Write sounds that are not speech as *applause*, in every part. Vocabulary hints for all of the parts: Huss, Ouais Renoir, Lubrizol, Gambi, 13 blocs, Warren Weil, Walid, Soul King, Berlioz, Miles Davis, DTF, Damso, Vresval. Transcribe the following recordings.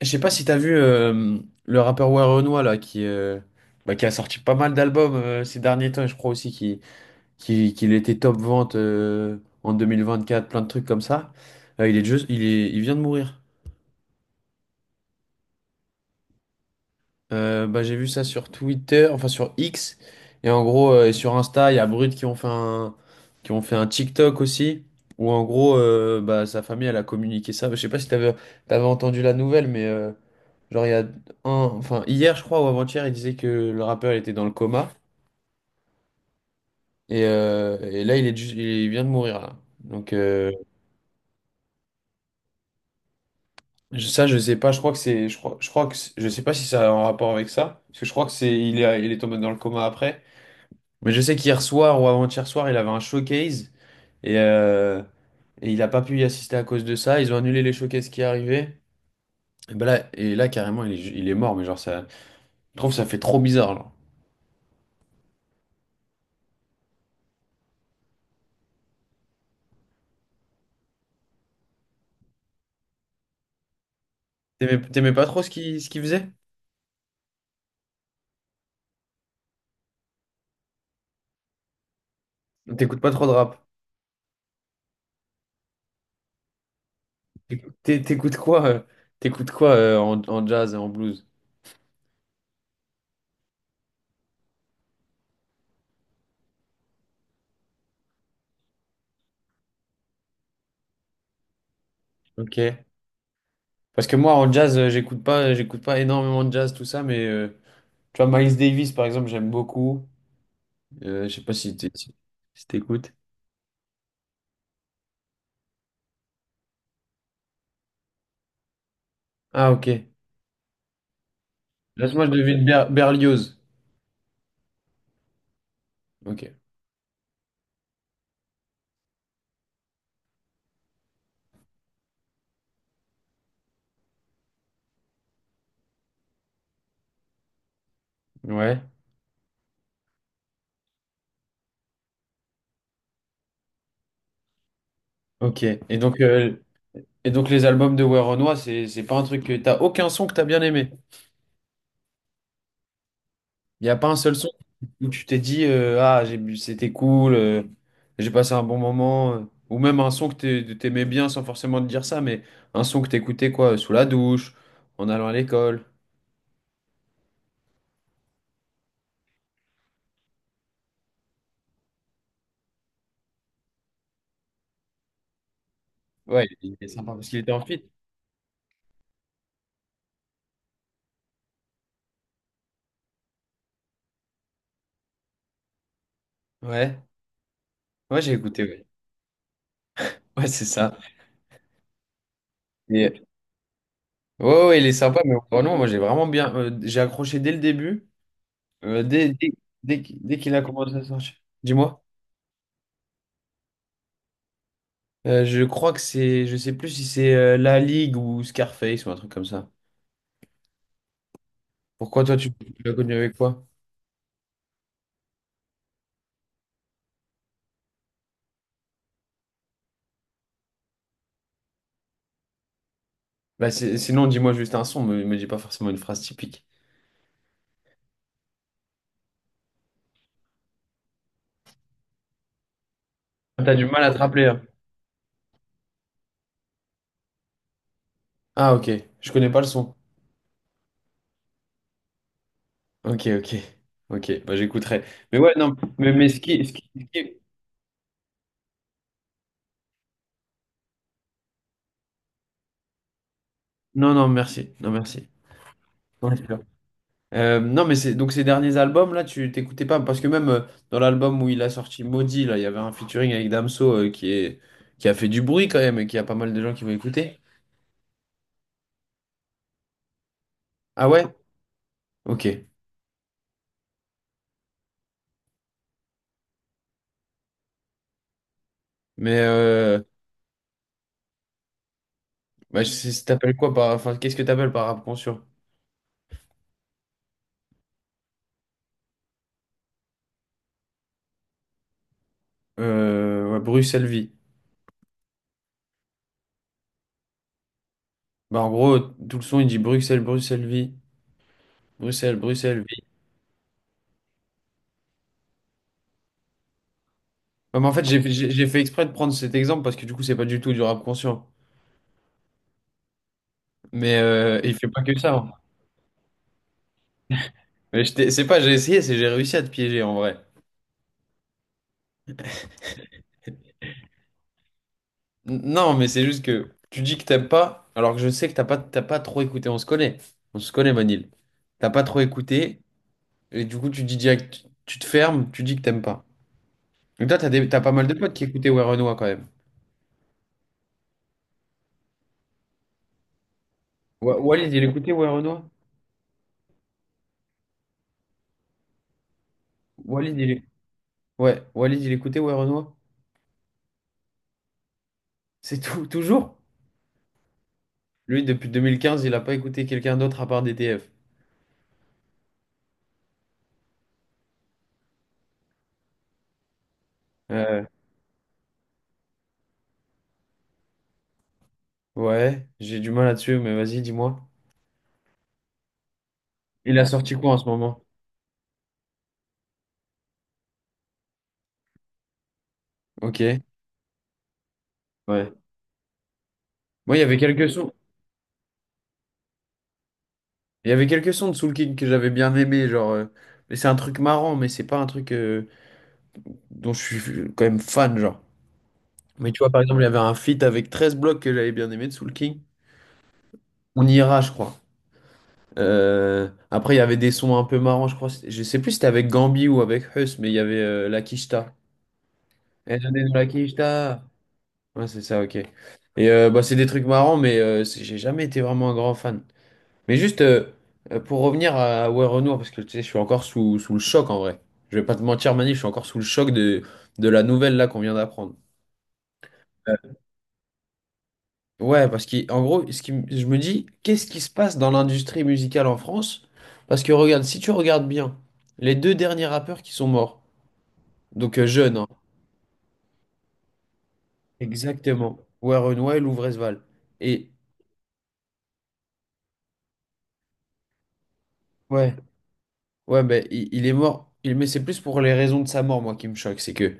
Je sais pas si t'as vu le rappeur Ouais Renoir là qui, bah, qui a sorti pas mal d'albums ces derniers temps. Et je crois aussi qu'il était top vente en quatre plein de trucs comme ça. Il est juste, il est, il vient de mourir. Bah, j'ai vu ça sur Twitter, enfin sur X, et en gros, et sur Insta, il y a Brut qui ont fait un TikTok aussi, où en gros, bah, sa famille elle a communiqué ça. Je sais pas si t'avais entendu la nouvelle, mais genre, il y a un, enfin, hier, je crois, ou avant-hier, il disait que le rappeur il était dans le coma. Et là, il vient de mourir, là. Donc, ça, je sais pas. Je crois que c'est, je crois que, c'est- je sais pas si ça a un rapport avec ça. Parce que je crois que il est tombé dans le coma après. Mais je sais qu'hier soir ou avant-hier soir, il avait un showcase. Et, euh, et il a pas pu y assister à cause de ça. Ils ont annulé les showcases qui arrivaient. Et ben là, carrément, il est mort. Mais genre, ça, je trouve que ça fait trop bizarre, genre. T'aimais pas trop ce qu'il faisait? T'écoutes pas trop de rap? T'écoutes quoi, en jazz, en blues? Ok. Parce que moi, en jazz, j'écoute pas énormément de jazz, tout ça, mais tu vois, Miles Davis, par exemple, j'aime beaucoup. Je sais pas si si t'écoutes. Ah, ok. Laisse moi, je devine Berlioz. Ok. Ouais. Ok. Et donc, les albums de Werenoi, c'est pas un truc, que t'as aucun son que t'as bien aimé. Il n'y a pas un seul son où tu t'es dit, ah, c'était cool, j'ai passé un bon moment. Ou même un son que t'aimais bien sans forcément te dire ça, mais un son que t'écoutais quoi, sous la douche, en allant à l'école. Ouais, il est sympa parce qu'il était en fit. Ouais, ouais, j'ai écouté, ouais. *laughs* Ouais, c'est ça. Et, ouais, ouais, il est sympa, mais vraiment, moi j'ai vraiment bien. J'ai accroché dès le début, euh, dès, dès, dès qu'il a commencé à sortir. Dis-moi. Je crois que c'est. Je sais plus si c'est La Ligue ou Scarface ou un truc comme ça. Pourquoi toi, tu l'as connu avec quoi? Bah, sinon, dis-moi juste un son, me dis pas forcément une phrase typique. Ah, t'as du mal à te rappeler, hein. Ah, ok. Je connais pas le son. Ok, ok. Ok, bah j'écouterai. Mais ouais, non, mais ce qui. Non, non, merci. Non, merci. Non, c'est sûr. Non, mais c'est, donc ces derniers albums, là, tu t'écoutais pas. Parce que même dans l'album où il a sorti Maudit, là, il y avait un featuring avec Damso, qui a fait du bruit quand même, et qui a pas mal de gens qui vont écouter. Ah ouais? Ok. Mais, bah, t'appelles quoi par. Enfin, qu'est-ce que t'appelles par rap conscient? Ouais, Bruxelles vie. Bah, en gros, tout le son, il dit Bruxelles, Bruxelles vie. Bruxelles, Bruxelles vie. Ouais, mais en fait, j'ai fait exprès de prendre cet exemple, parce que du coup, c'est pas du tout du rap conscient. Mais il fait pas que ça, hein. Mais c'est pas, j'ai essayé, c'est j'ai réussi à te piéger en vrai. Non, mais c'est juste que tu dis que t'aimes pas, alors que je sais que t'as pas trop écouté. On se connaît. On se connaît, Manil. T'as pas trop écouté, et du coup, tu dis direct, tu te fermes, tu dis que t'aimes pas. Mais toi, t'as pas mal de potes qui écoutaient Ouais Renoir quand même. Walid, il écoutait Ouais Renoir? Walid, il est. Ouais, Walid, il écoutait Ouais Renoir. C'est tout, toujours? Lui, depuis 2015, il a pas écouté quelqu'un d'autre à part DTF. Euh, ouais, j'ai du mal là-dessus, mais vas-y, dis-moi. Il a sorti quoi en ce moment? Ok, ouais. Moi, il y avait quelques sons. Il y avait quelques sons de Soul King que j'avais bien aimé, genre. Mais c'est un truc marrant, mais c'est pas un truc dont je suis quand même fan, genre. Mais tu vois, par exemple, il y avait un feat avec 13 blocs que j'avais bien aimé de Soul King. On ira, je crois. Après, il y avait des sons un peu marrants, je crois. Je sais plus si c'était avec Gambi ou avec Huss, mais il y avait la Kishta. Eh, donnez la Kishta! Ouais, c'est ça, ok. Et bah, c'est des trucs marrants, mais j'ai jamais été vraiment un grand fan. Mais juste, pour revenir à Ouais Renoir, parce que tu sais, je suis encore sous le choc en vrai. Je vais pas te mentir, Manif, je suis encore sous le choc de la nouvelle là qu'on vient d'apprendre. Ouais, parce qu'en gros, je me dis, qu'est-ce qui se passe dans l'industrie musicale en France? Parce que regarde, si tu regardes bien, les deux derniers rappeurs qui sont morts, donc jeunes, hein, exactement, Warren Weil ou Vresval. Et ouais, ouais, ben il est mort, mais c'est plus pour les raisons de sa mort, moi, qui me choque. C'est que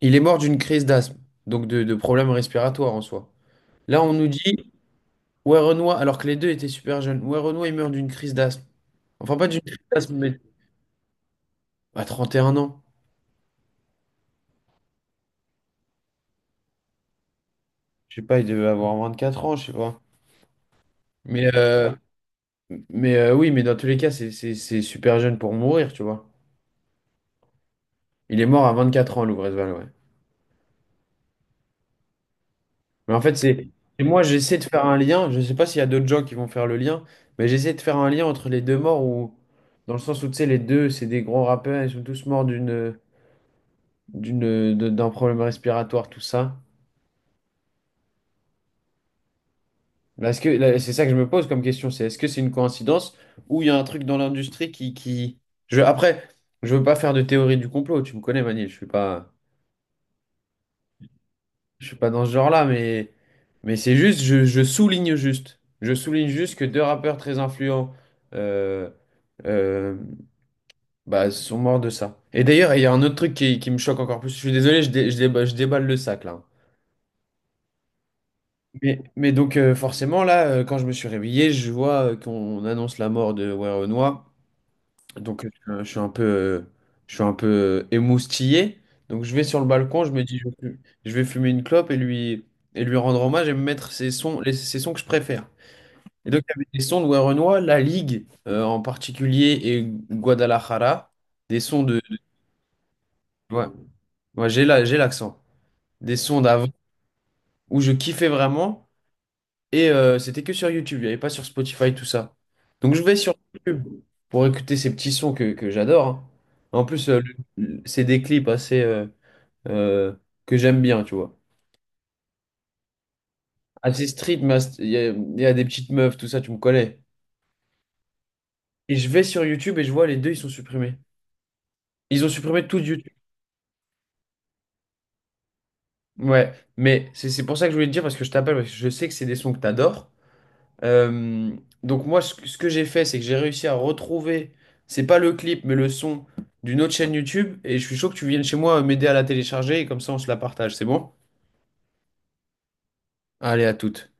il est mort d'une crise d'asthme, donc de problèmes respiratoires en soi. Là, on nous dit, Warren Weil, alors que les deux étaient super jeunes, Warren Weil, il meurt d'une crise d'asthme. Enfin, pas d'une crise d'asthme, mais à 31 ans. Je sais pas, il devait avoir 24 ans, je sais pas. Mais, euh, mais oui, mais dans tous les cas, c'est super jeune pour mourir, tu vois. Il est mort à 24 ans, Lubrizol, ouais. Mais en fait, c'est. Et moi, j'essaie de faire un lien. Je sais pas s'il y a d'autres gens qui vont faire le lien, mais j'essaie de faire un lien entre les deux morts, ou dans le sens où, tu sais, les deux, c'est des gros rappeurs, ils sont tous morts d'un problème respiratoire, tout ça. Mais est-ce que là, c'est ça que je me pose comme question, c'est est-ce que c'est une coïncidence ou il y a un truc dans l'industrie qui. Après, je veux pas faire de théorie du complot, tu me connais, Manil, je suis pas, dans ce genre-là, mais, c'est juste, je souligne juste que deux rappeurs très influents, euh, euh, bah, sont morts de ça. Et d'ailleurs, il y a un autre truc qui me choque encore plus. Je suis désolé, je déballe le sac là. Mais, donc forcément là, quand je me suis réveillé, je vois qu'on annonce la mort de Werenoi. Donc, je suis un peu, je suis un peu émoustillé. Donc, je vais sur le balcon, je me dis, je vais fumer une clope, et lui rendre hommage, et me mettre ses sons, ses sons que je préfère. Et donc, il y avait des sons de Werenoi, La Ligue, en particulier, et Guadalajara. Des sons de. Ouais, ouais, j'ai l'accent. Des sons d'avant où je kiffais vraiment. Et c'était que sur YouTube, il n'y avait pas sur Spotify, tout ça. Donc je vais sur YouTube pour écouter ces petits sons que j'adore, hein. En plus, c'est des clips assez, euh, que j'aime bien, tu vois. Assez street, mais il y a des petites meufs, tout ça, tu me connais. Et je vais sur YouTube et je vois les deux, ils sont supprimés. Ils ont supprimé tout de YouTube. Ouais, mais c'est pour ça que je voulais te dire, parce que je t'appelle, parce que je sais que c'est des sons que t'adores. Euh, donc moi, ce que j'ai fait, c'est que j'ai réussi à retrouver, c'est pas le clip, mais le son d'une autre chaîne YouTube, et je suis chaud que tu viennes chez moi, m'aider à la télécharger, et comme ça on se la partage, c'est bon? Allez, à toutes.